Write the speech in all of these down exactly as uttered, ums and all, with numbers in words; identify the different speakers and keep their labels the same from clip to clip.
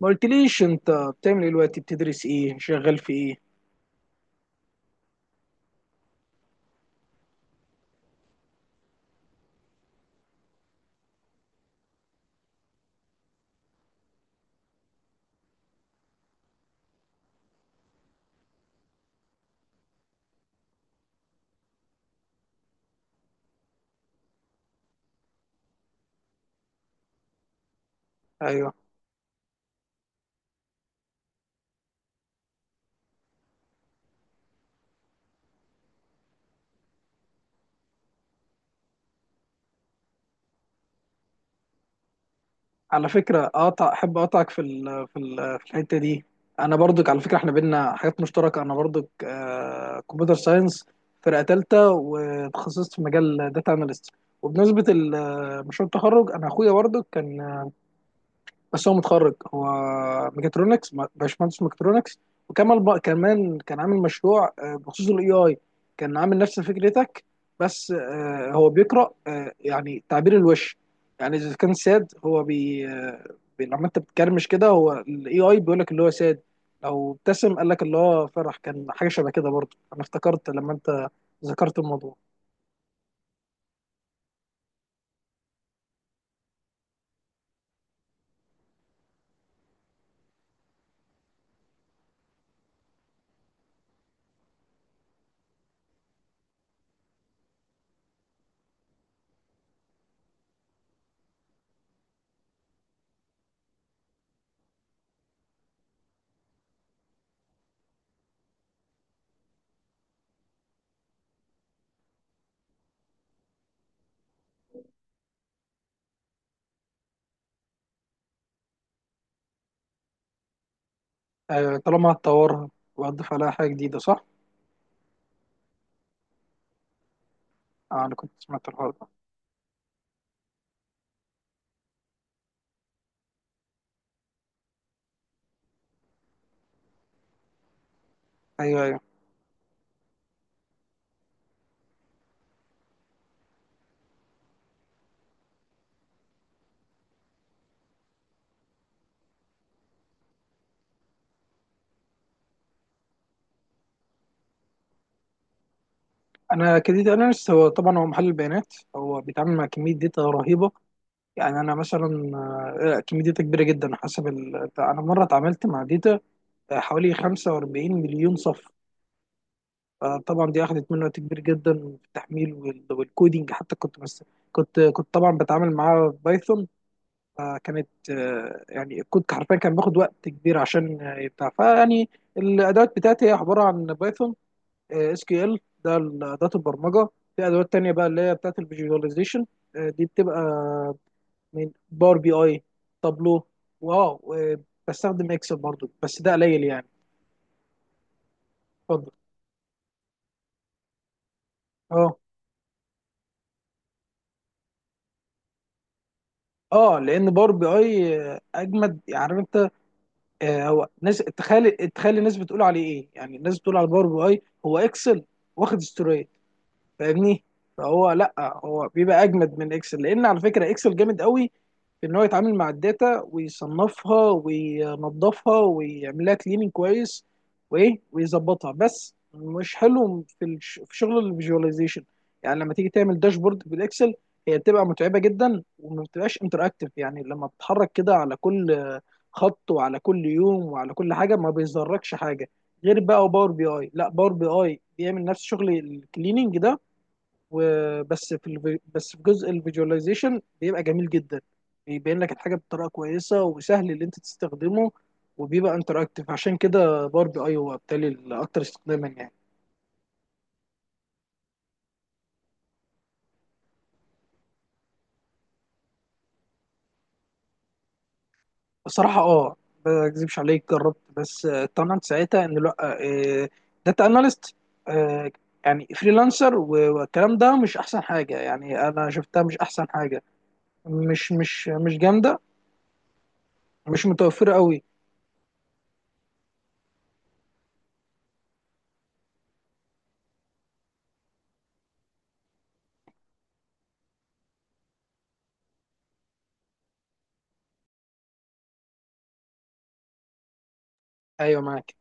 Speaker 1: ما قلتليش انت بتعمل ايه دلوقتي؟ بتدرس ايه؟ شغال في ايه؟ ايوه. على فكره اقطع، احب اقطعك في ال في ال في الحته دي. انا برضك على فكره احنا بينا حاجات مشتركه، انا برضك آه، كمبيوتر ساينس، فرقه ثالثه وتخصصت في مجال داتا اناليست. وبنسبه ال- مشروع التخرج انا اخويا برضك كان، بس هو متخرج، هو ميكاترونكس، م- باشمهندس ميكاترونكس. وكمل بقى كمان، كان عامل مشروع آه، بخصوص الاي اي. كان عامل نفس فكرتك، بس آه، هو بيقرا آه، يعني تعبير الوش. يعني اذا كان ساد هو بي آه، بي- لما انت بتكرمش كده هو الاي اي بيقول لك اللي هو ساد. لو ابتسم قال لك اللي هو فرح. كان حاجه شبه كده برضه، انا افتكرت لما انت ذكرت الموضوع. آه، طالما هتطورها وهتضيف عليها حاجه جديده، صح؟ آه، انا كنت سمعت الحوار ده. ايوه، أيوه. انا كديتا اناليست، هو طبعا هو محلل بيانات، هو بيتعامل مع كميه داتا رهيبه. يعني انا مثلا آه، كميه داتا كبيره جدا حسب ال... انا مره اتعاملت مع داتا آه، حوالي 45 مليون صف. آه، طبعا دي اخذت مني وقت كبير جدا في التحميل وال... والكودينج، حتى كنت بس كنت كنت طبعا بتعامل معاه بايثون. فكانت آه، يعني الكود حرفيا كان بياخد وقت كبير عشان آه، يبتاع، فيعني الادوات بتاعتي هي عباره عن بايثون، اس كيو ال، ده اداه البرمجه. في ادوات تانية بقى اللي هي بتاعت الفيجواليزيشن، دي بتبقى من باور بي اي، تابلو، واو، آه، بستخدم اكسل برضو بس ده قليل يعني. اتفضل. اه اه، لان باور بي اي آه، اجمد، عارف انت. آه، هو ناس، تخيل تخيل الناس بتقول عليه ايه، يعني الناس بتقول على باور بي اي هو اكسل واخد استوري، فاهمني؟ فهو لا، هو بيبقى اجمد من اكسل، لان على فكره اكسل جامد قوي في ان هو يتعامل مع الداتا ويصنفها وينظفها ويعمل لها كليننج كويس وايه ويظبطها، بس مش حلو في الش- في شغل الفيجواليزيشن. يعني لما تيجي تعمل داشبورد بالاكسل هي بتبقى متعبه جدا وما بتبقاش انتراكتيف، يعني لما بتتحرك كده على كل خط وعلى كل يوم وعلى كل حاجه ما بيظهركش حاجه. غير بقى باور بي اي، لا باور بي اي بيعمل نفس شغل الكليننج ده وبس في الفي... بس في جزء الفيجواليزيشن بيبقى جميل جدا، بيبين لك الحاجه بطريقه كويسه وسهل اللي انت تستخدمه، وبيبقى انتراكتيف، عشان كده باربي اي هو بالتالي الاكتر استخداما يعني. بصراحه اه، ما اكذبش عليك جربت، بس آه، طمنت ساعتها ان لا، داتا اناليست يعني فريلانسر والكلام ده مش احسن حاجه، يعني انا شفتها مش احسن حاجه، مش مش مش جامده، مش متوفره قوي. ايوه معاك.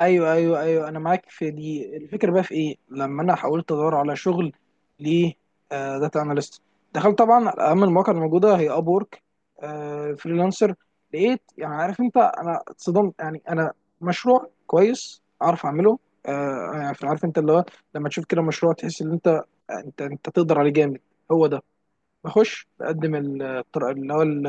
Speaker 1: ايوه، ايوه، ايوه، انا معاك في دي الفكره. بقى في ايه لما انا حاولت ادور على شغل ل داتا اناليست، دخلت طبعا على اهم المواقع الموجوده، هي اب وورك، فريلانسر. لقيت، يعني عارف انت انا اتصدمت، يعني انا مشروع كويس اعرف اعمله، آه، يعني عارف انت اللي هو لما تشوف كده مشروع تحس ان انت انت انت تقدر عليه جامد. هو ده، بخش بقدم الطر- اللي هو ال-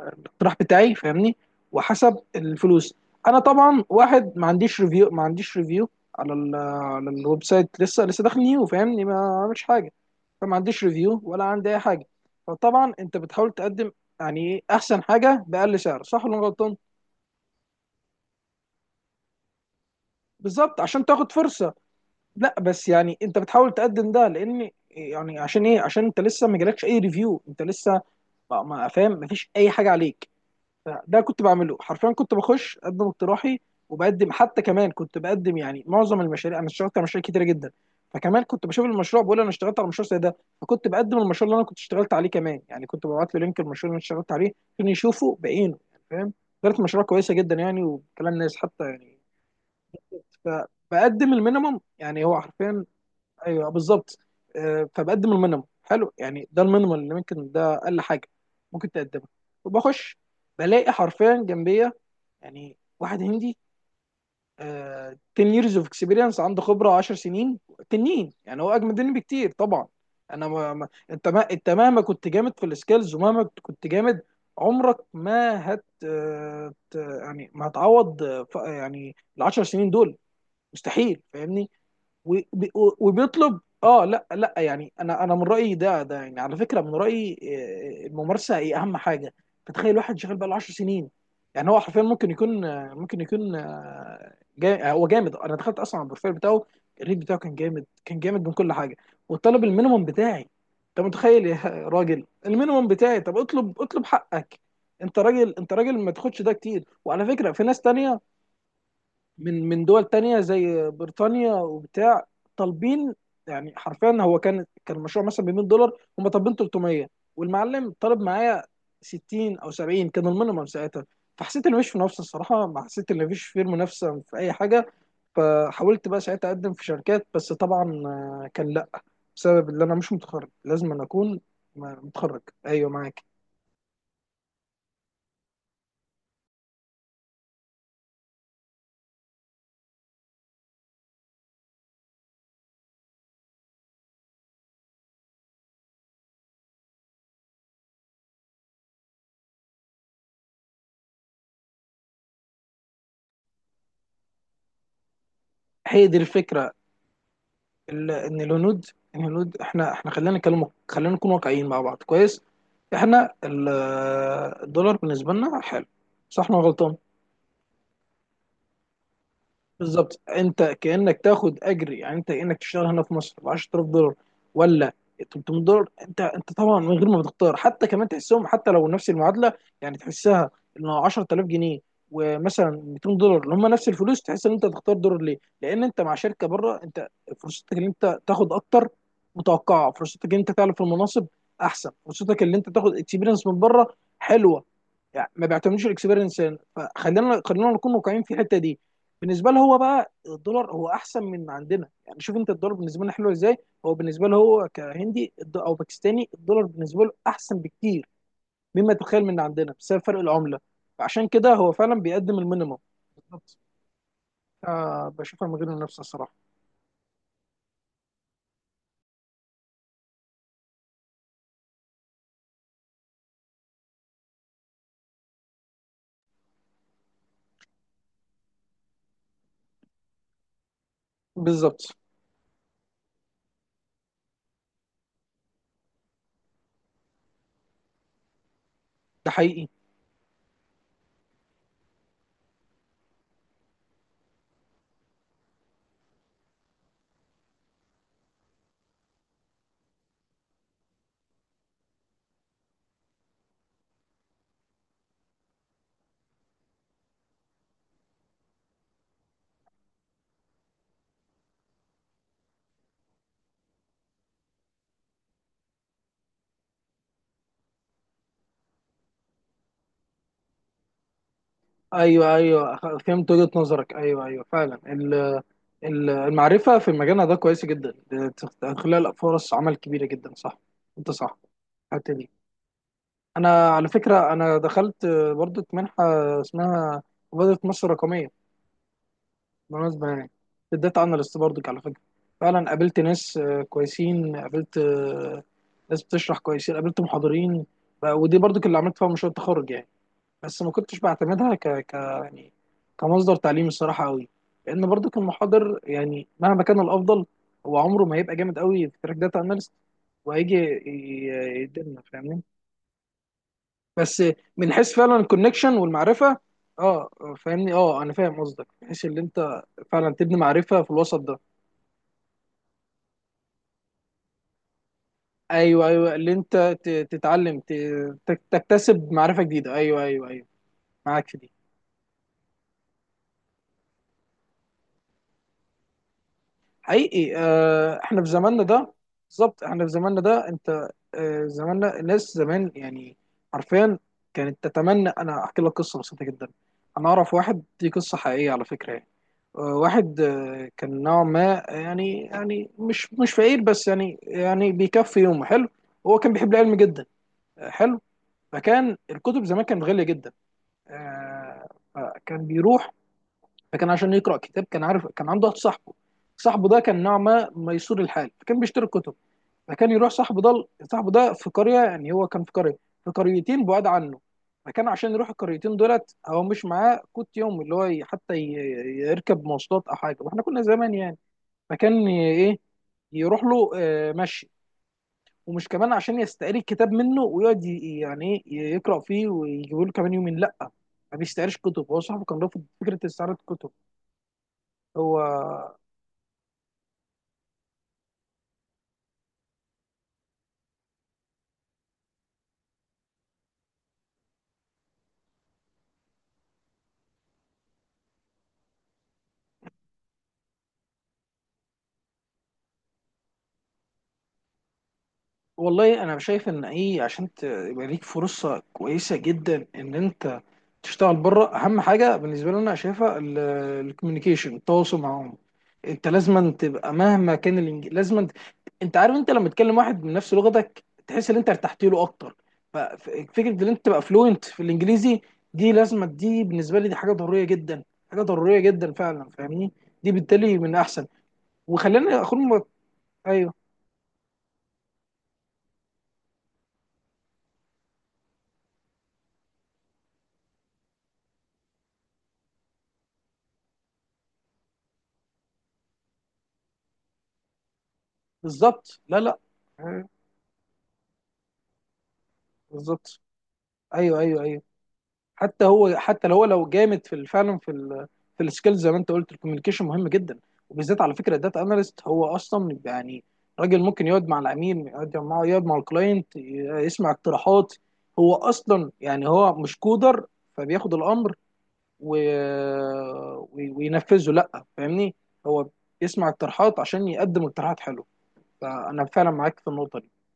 Speaker 1: الاقتراح بتاعي، فاهمني؟ وحسب الفلوس. انا طبعا واحد ما عنديش ريفيو، ما عنديش ريفيو على ال على الويب سايت، لسه لسه داخل نيو، فاهمني؟ ما عملش حاجه، فما عنديش ريفيو ولا عندي اي حاجه. فطبعا انت بتحاول تقدم، يعني ايه احسن حاجه؟ باقل سعر، صح ولا أنا غلطان؟ بالظبط، عشان تاخد فرصه. لا بس يعني انت بتحاول تقدم ده، لان يعني عشان ايه؟ عشان انت لسه ما جالكش اي ريفيو، انت لسه ما ما- فاهم، ما فيش اي حاجه عليك. فده كنت بعمله، حرفيا كنت بخش اقدم اقتراحي وبقدم، حتى كمان كنت بقدم يعني معظم المشاريع، انا اشتغلت على مشاريع كتيره جدا فكمان كنت بشوف المشروع بقول انا اشتغلت على مشروع زي ده، فكنت بقدم المشروع اللي انا كنت اشتغلت عليه كمان، يعني كنت ببعت له لينك المشروع اللي انا اشتغلت عليه عشان يشوفه بعينه، يعني فاهم. كانت مشروع كويسه جدا يعني، وكلام ناس حتى يعني. فبقدم المينيمم يعني، هو حرفيا. ايوه بالظبط. آه، فبقدم المينيمم، حلو يعني ده المينيمم اللي ممكن، ده اقل حاجه ممكن تقدمها. وبخش بلاقي حرفيا جنبي يعني واحد هندي، آه عشر years of experience، عنده خبره 10 سنين، تنين يعني هو اجمد مني بكتير طبعا. انا ما ما انت، ما انت مهما كنت جامد في السكيلز ومهما كنت جامد، عمرك ما هت آه، ت- يعني ما هتعوض آه، ف- يعني ال 10 سنين دول مستحيل، فاهمني. وب- وبيطلب، اه لا لا يعني انا انا من رايي، ده ده يعني على فكره من رايي، آه، الممارسه هي اهم حاجه. فتخيل واحد شغال بقى له 10 سنين، يعني هو حرفيا ممكن يكون آه، ممكن يكون آه، جا- آه، هو جامد، انا دخلت اصلا على البروفايل بتاعه، الريت بتاعه كان جامد، كان جامد من كل حاجه، وطلب المينيموم بتاعي. انت متخيل يا راجل المينيموم بتاعي؟ طب اطلب، اطلب حقك، انت راجل، انت راجل ما تاخدش ده كتير، وعلى فكره في ناس تانية من من دول تانية زي بريطانيا وبتاع طالبين، يعني حرفيا هو كان كان المشروع مثلا ب ميه دولار، هم طالبين ثلاثمائة، والمعلم طالب معايا ستين او سبعين كان المينيمم ساعتها. فحسيت ان مفيش منافسه الصراحه، ما حسيت ان مفيش فيه منافسه في اي حاجه. فحاولت بقى ساعتها اقدم في شركات، بس طبعا آه، كان لا، بسبب ان انا مش متخرج لازم أن اكون م- متخرج. ايوه معاك. هي دي الفكره، ال- ان الهنود، الهنود، احنا احنا خلينا نتكلم، خلينا نكون واقعيين مع بعض كويس. احنا ال- الدولار بالنسبه لنا حلو، صح ولا انا غلطان؟ بالظبط، انت كانك تاخد اجر، يعني انت كانك تشتغل هنا في مصر ب عشره آلاف دولار، ولا تلتميه دولار، انت انت طبعا من غير ما بتختار، حتى كمان تحسهم حتى لو نفس المعادله، يعني تحسها ان عشرت آلاف جنيه ومثلا ميتين دولار اللي هم نفس الفلوس، تحس ان انت تختار دولار ليه؟ لان انت مع شركه بره، انت فرصتك ان انت تاخد اكتر متوقعه، فرصتك ان انت تعلى في المناصب احسن، فرصتك ان انت تاخد اكسبيرينس من بره حلوه، يعني ما بيعتمدوش الاكسبيرينس هنا، فخلينا خلينا نكون واقعيين في الحته دي. بالنسبه له هو بقى الدولار هو احسن من عندنا، يعني شوف انت الدولار بالنسبه لنا حلو ازاي. هو بالنسبه له، هو كهندي الد- او باكستاني، الدولار بالنسبه له احسن بكتير مما تتخيل من عندنا، بسبب فرق العمله. فعشان كده هو فعلا بيقدم المينيمم. بالظبط. آه بشوفها من غير منافسه الصراحه. بالظبط، ده حقيقي. ايوه، ايوه، أخ- فهمت وجهه نظرك، ايوه، ايوه، فعلا ال- ال- المعرفه في مجالنا ده كويسه جدا، بتخ- بتخلق لك فرص عمل كبيره جدا، صح، انت صح. الحته دي انا على فكره انا دخلت برضه منحه، اسمها مبادره مصر الرقميه بالمناسبه يعني، الداتا اناليست برضه على فكره. فعلا قابلت ناس آه، كويسين، قابلت آه، ناس بتشرح كويسين، قابلت محاضرين، ف- ودي برضه اللي عملت فيها مشروع التخرج يعني. بس ما كنتش بعتمدها ك... ك يعني كمصدر تعليم الصراحه قوي، لان برضه المحاضر يعني مهما كان الافضل هو عمره ما هيبقى جامد قوي في تراك داتا اناليست، وهيجي ي- يديرنا، فاهمني، بس من حيث فعلا الكونكشن والمعرفه. اه، فاهمني، اه انا فاهم قصدك من حيث اللي انت فعلا تبني معرفه في الوسط ده. ايوه، ايوه، اللي انت ت- تتعلم ت- تك- تكتسب معرفه جديده. ايوه، ايوه، ايوه، معاك في دي. حقيقي. آه، احنا في زماننا ده، بالظبط احنا في زماننا ده انت آه، زماننا، الناس زمان يعني حرفيا كانت تتمنى. انا احكي لك قصه بسيطه جدا، انا اعرف واحد، دي قصه حقيقيه على فكره يعني. آه، واحد آه، كان نوعا ما يعني، يعني مش مش فقير بس يعني، يعني بيكفي يومه حلو، هو كان بيحب العلم جدا. آه، حلو. فكان الكتب زمان كانت غاليه جدا، آه، فكان بيروح، فكان عشان يقرا كتاب كان عارف، كان عنده واحد صاحبه، صاحبه ده كان نوع ما ميسور الحال فكان بيشتري كتب. فكان يروح صاحبه ده، صاحبه ده في قريه، يعني هو كان في قريه، في قريتين بعاد عنه. فكان عشان يروح القريتين دولت هو مش معاه كوت يوم اللي هو ي- حتى ي- يركب مواصلات او حاجه، واحنا كنا زمان يعني. فكان ي- ايه يروح له آه، مشي، ومش كمان عشان يستقري الكتاب منه ويقعد ي- يعني ايه يقرا فيه ويجيبه له كمان يومين، لا، ما بيستقريش كتب، هو صاحبه كان رافض فكره استعاره الكتب. هو والله انا شايف ان ايه، عشان ت- يبقى ليك فرصه كويسه جدا ان انت تشتغل بره اهم حاجه بالنسبه لي انا شايفها الكوميونيكيشن، التواصل معاهم. انت لازما تبقى مهما كان الانج... لازما ت- انت عارف، انت لما تكلم واحد من نفس لغتك تحس ان انت ارتحت له اكتر. ففكره ان انت تبقى فلوينت في الانجليزي دي لازمه، دي بالنسبه لي دي حاجه ضروريه جدا، حاجه ضروريه جدا فعلا، فاهمني، دي بالتالي من احسن، وخلينا اخد. ايوه، بالظبط، لا لا، أيوة، بالظبط، ايوه، ايوه، ايوه. حتى هو، حتى لو هو لو جامد في ال- فعلا في ال في السكيلز زي ما انت قلت، الكوميونيكيشن مهم جدا، وبالذات على فكره الداتا اناليست هو اصلا يعني راجل ممكن يقعد مع العميل، يقعد معاه، يقعد مع الكلاينت ي- يسمع اقتراحات، هو اصلا يعني هو مش كودر فبياخد الامر و... وي- وينفذه، لا فاهمني، هو بيسمع اقتراحات عشان يقدم اقتراحات حلوه. فانا فعلا معاك في النقطه دي.